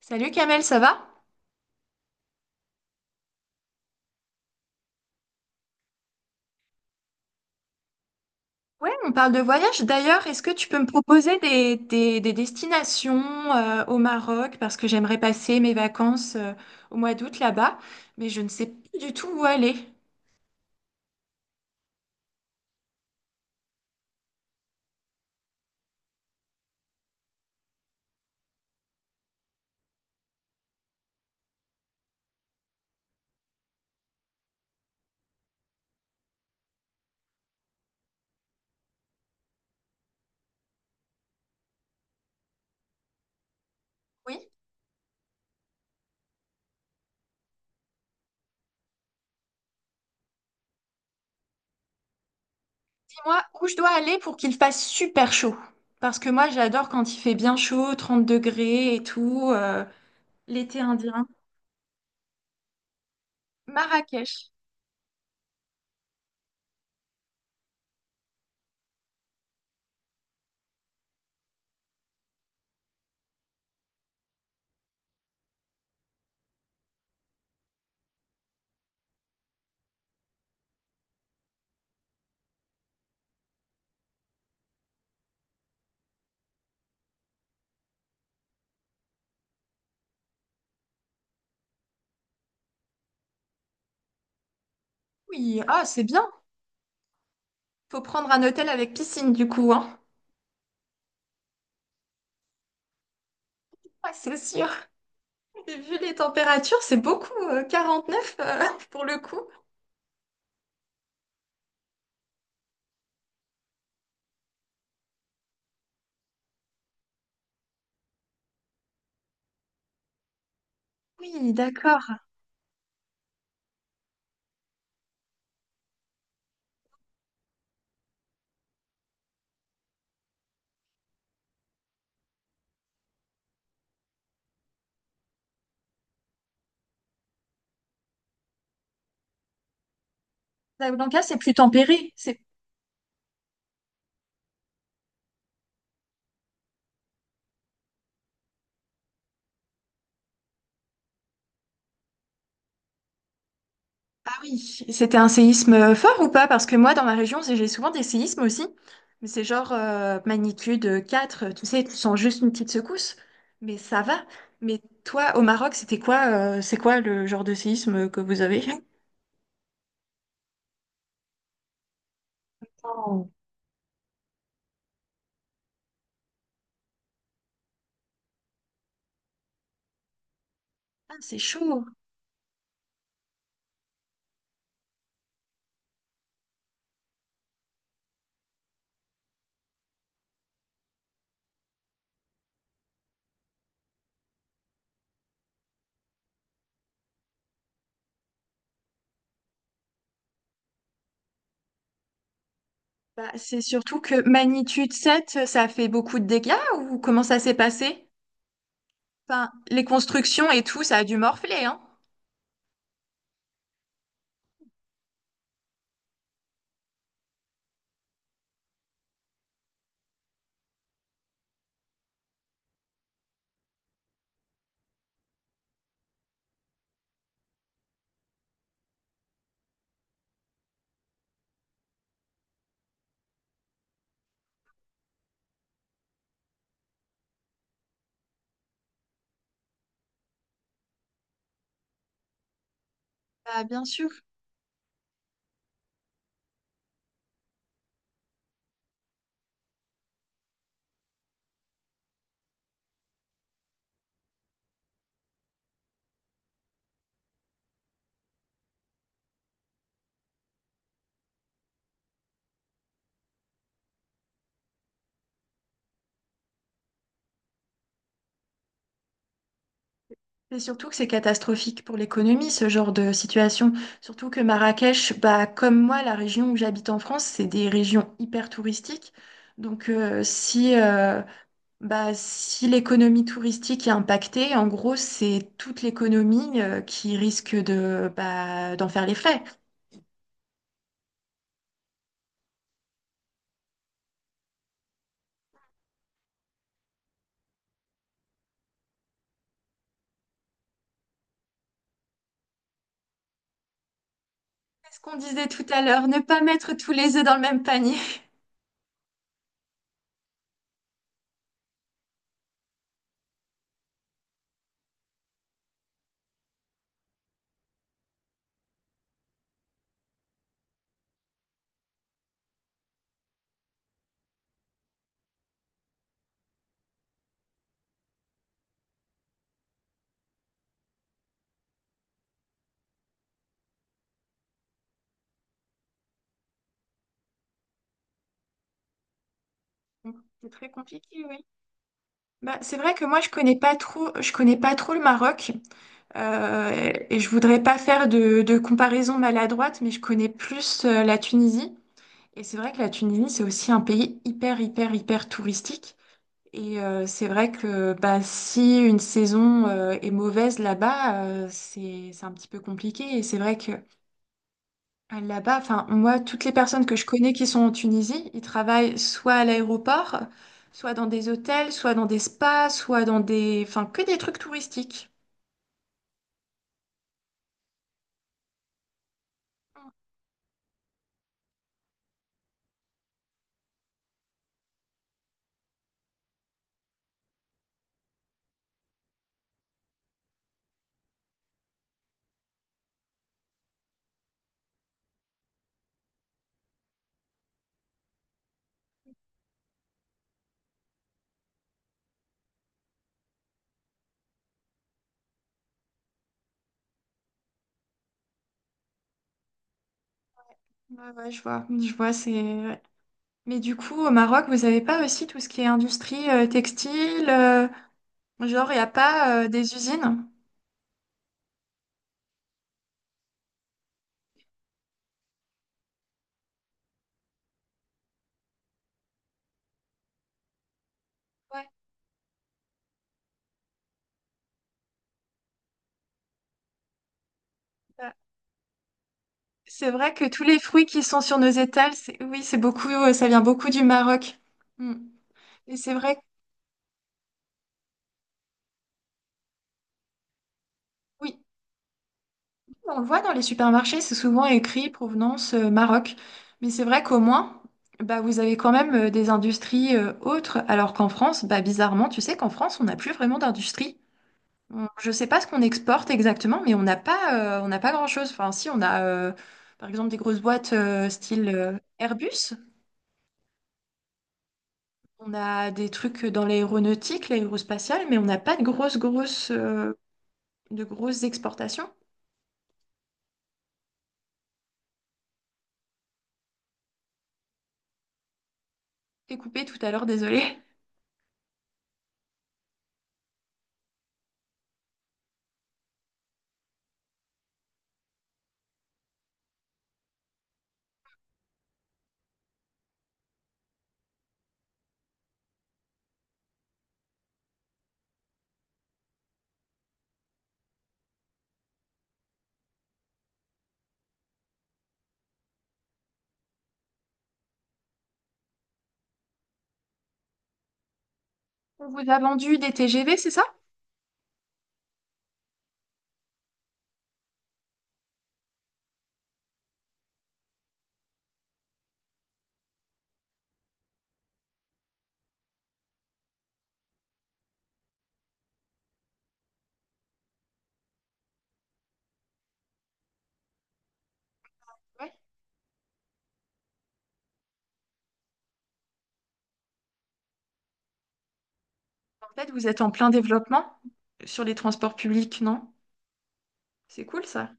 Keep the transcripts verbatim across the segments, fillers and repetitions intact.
Salut Kamel, ça va? Ouais, on parle de voyage. D'ailleurs, est-ce que tu peux me proposer des, des- des destinations euh, au Maroc? Parce que j'aimerais passer mes vacances euh, au mois d'août là-bas, mais je ne sais plus du tout où aller. Oui, dis-moi où je dois aller pour qu'il fasse super chaud. Parce que moi, j'adore quand il fait bien chaud, trente degrés et tout, euh, l'été indien. Marrakech. Oui, ah, c'est bien. Faut prendre un hôtel avec piscine du coup, hein? Ouais, c'est sûr. Et vu les températures, c'est beaucoup, euh, quarante-neuf euh, pour le coup. Oui, d'accord. Casablanca, c'est plus tempéré. C'est... Ah oui, c'était un séisme euh, fort ou pas? Parce que moi, dans ma région, c'est- j'ai souvent des séismes aussi. Mais c'est genre euh, magnitude quatre, tu sais, tu sens juste une petite secousse. Mais ça va. Mais toi, au Maroc, c'était quoi, euh, c'est quoi le genre de séisme que vous avez? Oh. Ah, c'est chaud. Bah, c'est surtout que magnitude sept, ça a fait beaucoup de dégâts ou comment ça s'est passé? Enfin, les constructions et tout, ça a dû morfler, hein? Bah, bien sûr. Et surtout que c'est catastrophique pour l'économie, ce genre de situation. Surtout que Marrakech, bah, comme moi, la région où j'habite en France, c'est des régions hyper touristiques. Donc, euh, si, euh, bah, si l'économie touristique est impactée, en gros, c'est toute l'économie, euh, qui risque de, bah, d'en faire les frais. C'est ce qu'on disait tout à l'heure, ne pas mettre tous les œufs dans le même panier. C'est très compliqué, oui. Bah, c'est vrai que moi je connais pas trop, je connais pas trop le Maroc euh, et je voudrais pas faire de, de comparaison maladroite, mais je connais plus euh, la Tunisie. Et c'est vrai que la Tunisie c'est aussi un pays hyper hyper hyper touristique. Et euh, c'est vrai que bah, si une saison euh, est mauvaise là-bas, euh, c'est c'est un petit peu compliqué. Et c'est vrai que euh, Là-bas, enfin, moi, toutes les personnes que je connais qui sont en Tunisie, ils travaillent soit à l'aéroport, soit dans des hôtels, soit dans des spas, soit dans des... Enfin, que des trucs touristiques. Ouais, ouais, je vois, je vois, c'est... ouais. Mais du coup, au Maroc, vous avez pas aussi tout ce qui est industrie euh, textile, euh, genre, il n'y a pas euh, des usines? Ouais, bah, c'est vrai que tous les fruits qui sont sur nos étals, c'est- oui, c'est beaucoup, euh, ça vient beaucoup du Maroc. Mm. Et c'est vrai, que- oui. On le voit dans les supermarchés, c'est souvent écrit provenance euh, Maroc. Mais c'est vrai qu'au moins, bah, vous avez quand même euh, des industries euh, autres, alors qu'en France, bah, bizarrement, tu sais qu'en France, on n'a plus vraiment d'industrie. On- Je ne sais pas ce qu'on exporte exactement, mais on n'a pas, euh, on n'a pas grand-chose. Enfin, si, on a euh, par exemple des grosses boîtes euh, style euh, Airbus. On a des trucs dans l'aéronautique, l'aérospatiale, mais on n'a pas de grosses, grosses, euh, de grosses exportations. T'es coupé tout à l'heure, désolé. On vous a vendu des T G V, c'est ça? Ouais. En fait, vous êtes en plein développement sur les transports publics, non? C'est cool ça.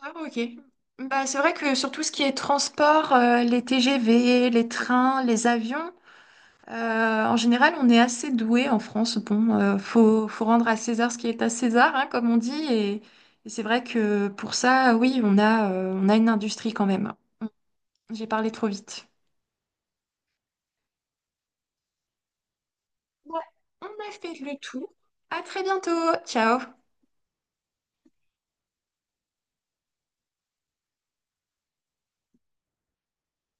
Ah, ok. Bah, c'est vrai que sur tout ce qui est transport, euh, les T G V, les trains, les avions, euh, en général, on est assez doué en France. Bon, euh, faut, faut rendre à César ce qui est à César, hein, comme on dit. Et, et c'est vrai que pour ça, oui, on a, euh, on a une industrie quand même. J'ai parlé trop vite. Ouais, on a fait le tour. À très bientôt. Ciao.